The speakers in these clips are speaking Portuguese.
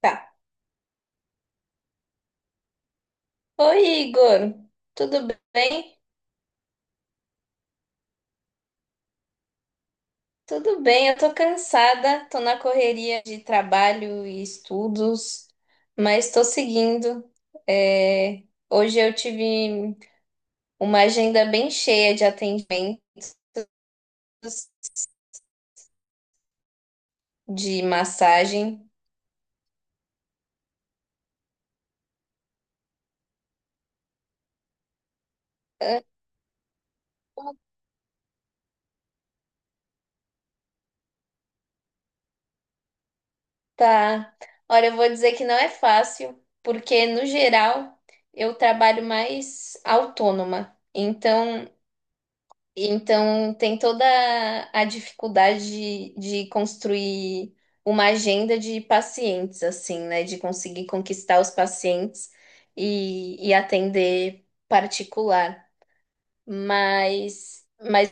Tá. Oi, Igor. Tudo bem? Tudo bem, eu tô cansada, tô na correria de trabalho e estudos, mas tô seguindo. É, Hoje eu tive uma agenda bem cheia de atendimentos, de massagem. Ah. Tá. Olha, eu vou dizer que não é fácil, porque no geral eu trabalho mais autônoma. Então, tem toda a dificuldade de construir uma agenda de pacientes, assim, né? De conseguir conquistar os pacientes e atender particular. Mas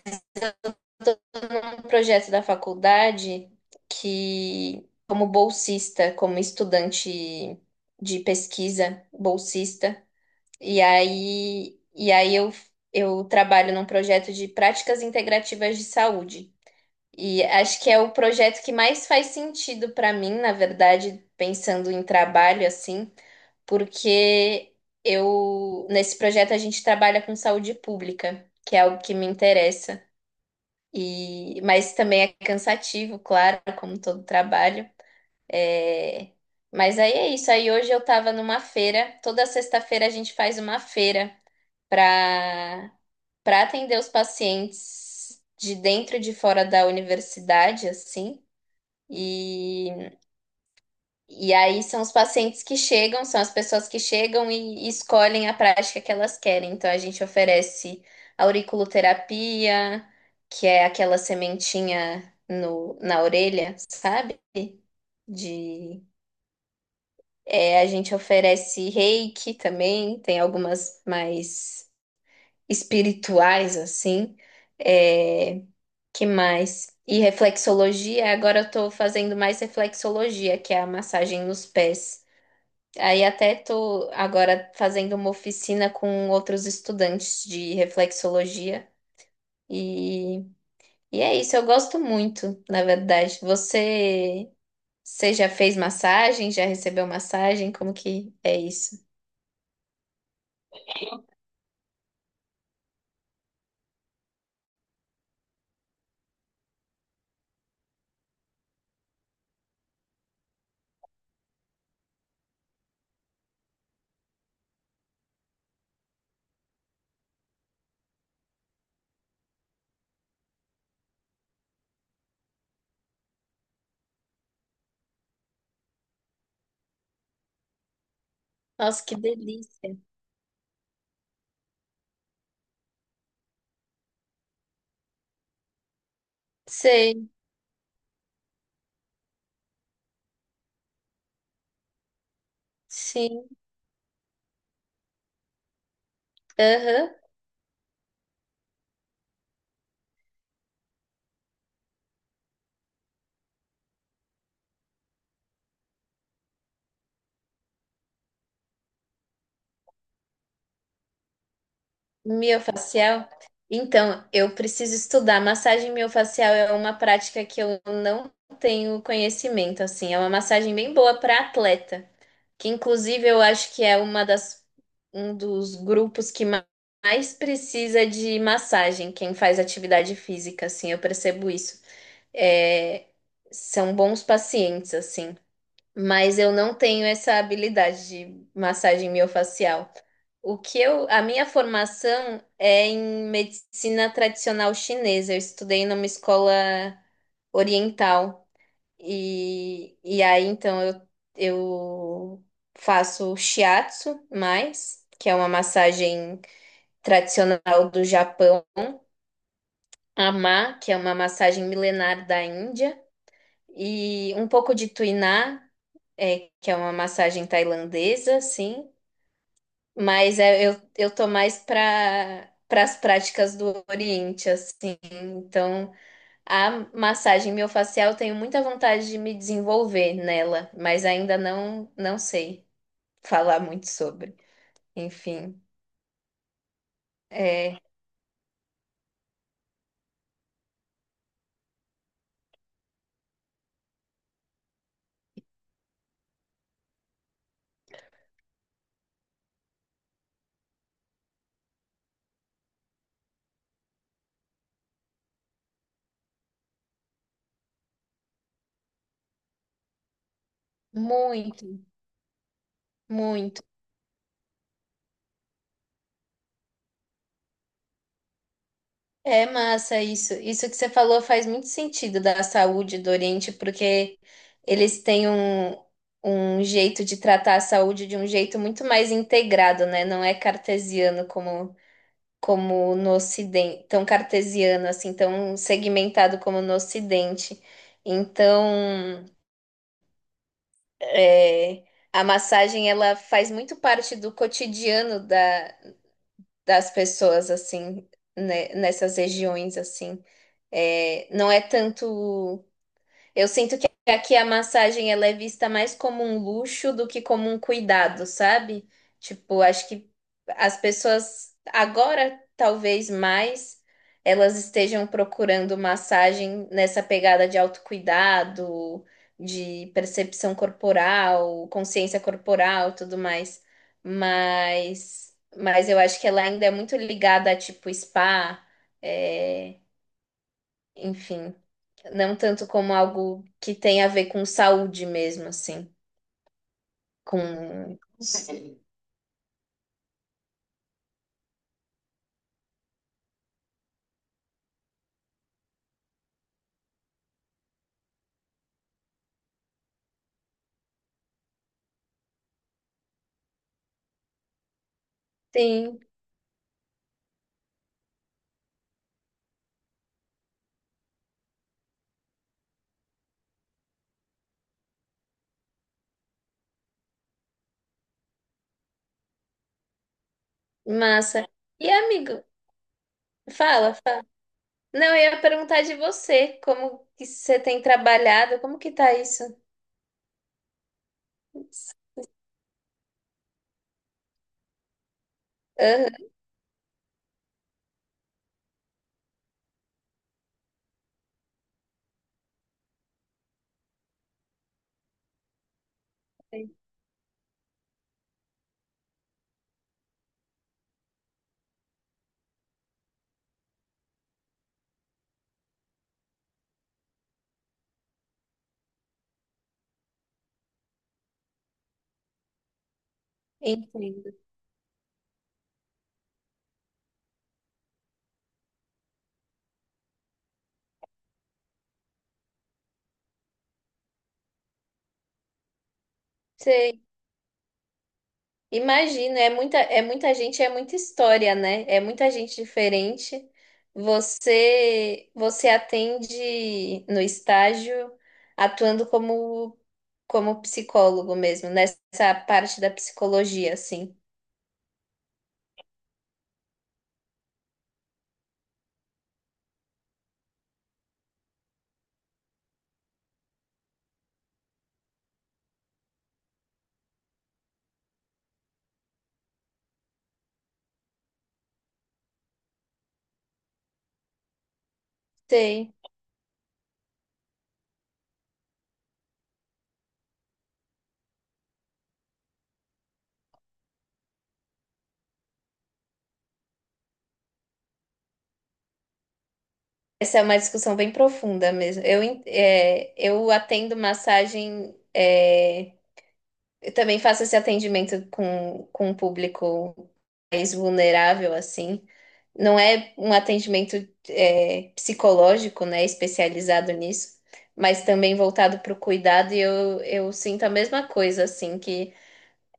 é um projeto da faculdade que, como bolsista, como estudante de pesquisa, bolsista, e aí eu trabalho num projeto de práticas integrativas de saúde. E acho que é o projeto que mais faz sentido para mim, na verdade, pensando em trabalho assim, porque eu nesse projeto a gente trabalha com saúde pública, que é algo que me interessa. E mas também é cansativo, claro, como todo trabalho. É, mas aí é isso. Aí hoje eu estava numa feira. Toda sexta-feira a gente faz uma feira para para atender os pacientes de dentro e de fora da universidade, assim. E, e aí são os pacientes que chegam, são as pessoas que chegam e escolhem a prática que elas querem. Então a gente oferece auriculoterapia, que é aquela sementinha no, na orelha, sabe? De, é, a gente oferece reiki também, tem algumas mais espirituais, assim. É, que mais? E reflexologia, agora eu tô fazendo mais reflexologia, que é a massagem nos pés. Aí até tô agora fazendo uma oficina com outros estudantes de reflexologia. E, e é isso, eu gosto muito, na verdade. Você já fez massagem? Já recebeu massagem? Como que é isso? Nossa, que delícia. Sei, sim. Aham. Miofacial? Então, eu preciso estudar. Massagem miofacial é uma prática que eu não tenho conhecimento, assim. É uma massagem bem boa para atleta, que inclusive eu acho que é uma das, um dos grupos que mais precisa de massagem, quem faz atividade física, assim, eu percebo isso. É, são bons pacientes, assim. Mas eu não tenho essa habilidade de massagem miofacial. O que eu, a minha formação é em medicina tradicional chinesa. Eu estudei numa escola oriental e aí então eu faço shiatsu mais, que é uma massagem tradicional do Japão, ama, que é uma massagem milenar da Índia, e um pouco de tuiná, é, que é uma massagem tailandesa, sim. Mas é, eu tô mais para as práticas do Oriente, assim. Então, a massagem miofascial, eu tenho muita vontade de me desenvolver nela, mas ainda não sei falar muito sobre. Enfim, é muito, muito. É massa isso. Isso que você falou faz muito sentido da saúde do Oriente, porque eles têm um, um jeito de tratar a saúde de um jeito muito mais integrado, né? Não é cartesiano como, como no Ocidente, tão cartesiano assim, tão segmentado como no Ocidente. Então, é, a massagem ela faz muito parte do cotidiano da, das pessoas assim, né? Nessas regiões assim. É, não é tanto. Eu sinto que aqui a massagem ela é vista mais como um luxo do que como um cuidado, sabe? Tipo, acho que as pessoas agora, talvez mais, elas estejam procurando massagem nessa pegada de autocuidado, de percepção corporal, consciência corporal, tudo mais. Mas eu acho que ela ainda é muito ligada a tipo spa. É, enfim, não tanto como algo que tem a ver com saúde mesmo, assim, com... Sim, massa. E amigo, fala, fala. Não, eu ia perguntar de você, como que você tem trabalhado, como que tá isso? Aham, entendo. Sei. Imagino, é muita gente, é muita história, né? É muita gente diferente. Você atende no estágio atuando como, como psicólogo mesmo, nessa parte da psicologia, assim. Sei. Essa é uma discussão bem profunda mesmo. Eu, é, eu atendo massagem, é, eu também faço esse atendimento com um público mais vulnerável, assim. Não é um atendimento é, psicológico, né, especializado nisso, mas também voltado para o cuidado, e eu sinto a mesma coisa, assim, que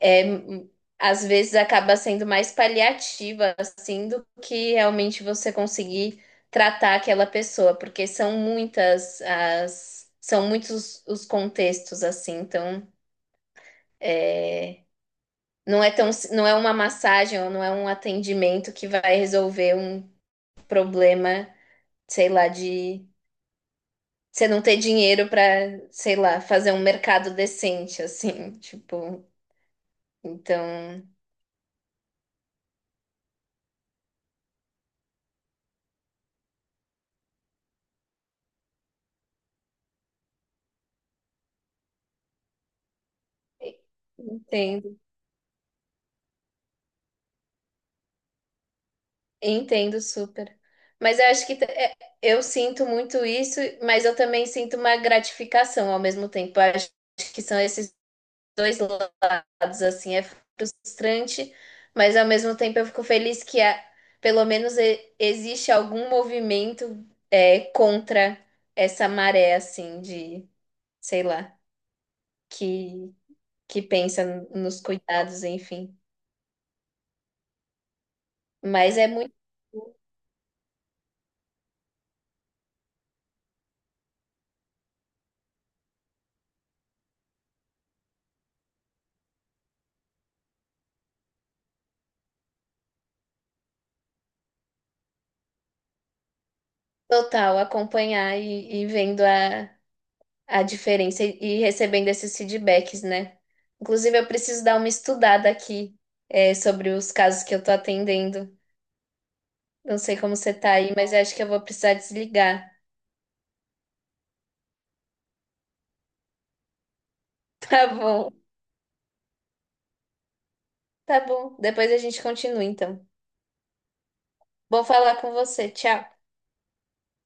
é, às vezes acaba sendo mais paliativa, assim, do que realmente você conseguir tratar aquela pessoa, porque são muitas as, são muitos os contextos, assim, então. É, não é tão, si, não é uma massagem ou não é um atendimento que vai resolver um problema, sei lá, de você não ter dinheiro para, sei lá, fazer um mercado decente, assim, tipo, então, entendo, entendo super. Mas eu acho que é, eu sinto muito isso, mas eu também sinto uma gratificação ao mesmo tempo. Eu acho que são esses dois lados, assim, é frustrante, mas ao mesmo tempo eu fico feliz pelo menos existe algum movimento é, contra essa maré, assim, de, sei lá, que, que pensa nos cuidados, enfim. Mas é muito total acompanhar e vendo a diferença e recebendo esses feedbacks, né? Inclusive, eu preciso dar uma estudada aqui, é, sobre os casos que eu tô atendendo. Não sei como você tá aí, mas eu acho que eu vou precisar desligar. Tá bom, tá bom. Depois a gente continua, então. Vou falar com você. Tchau.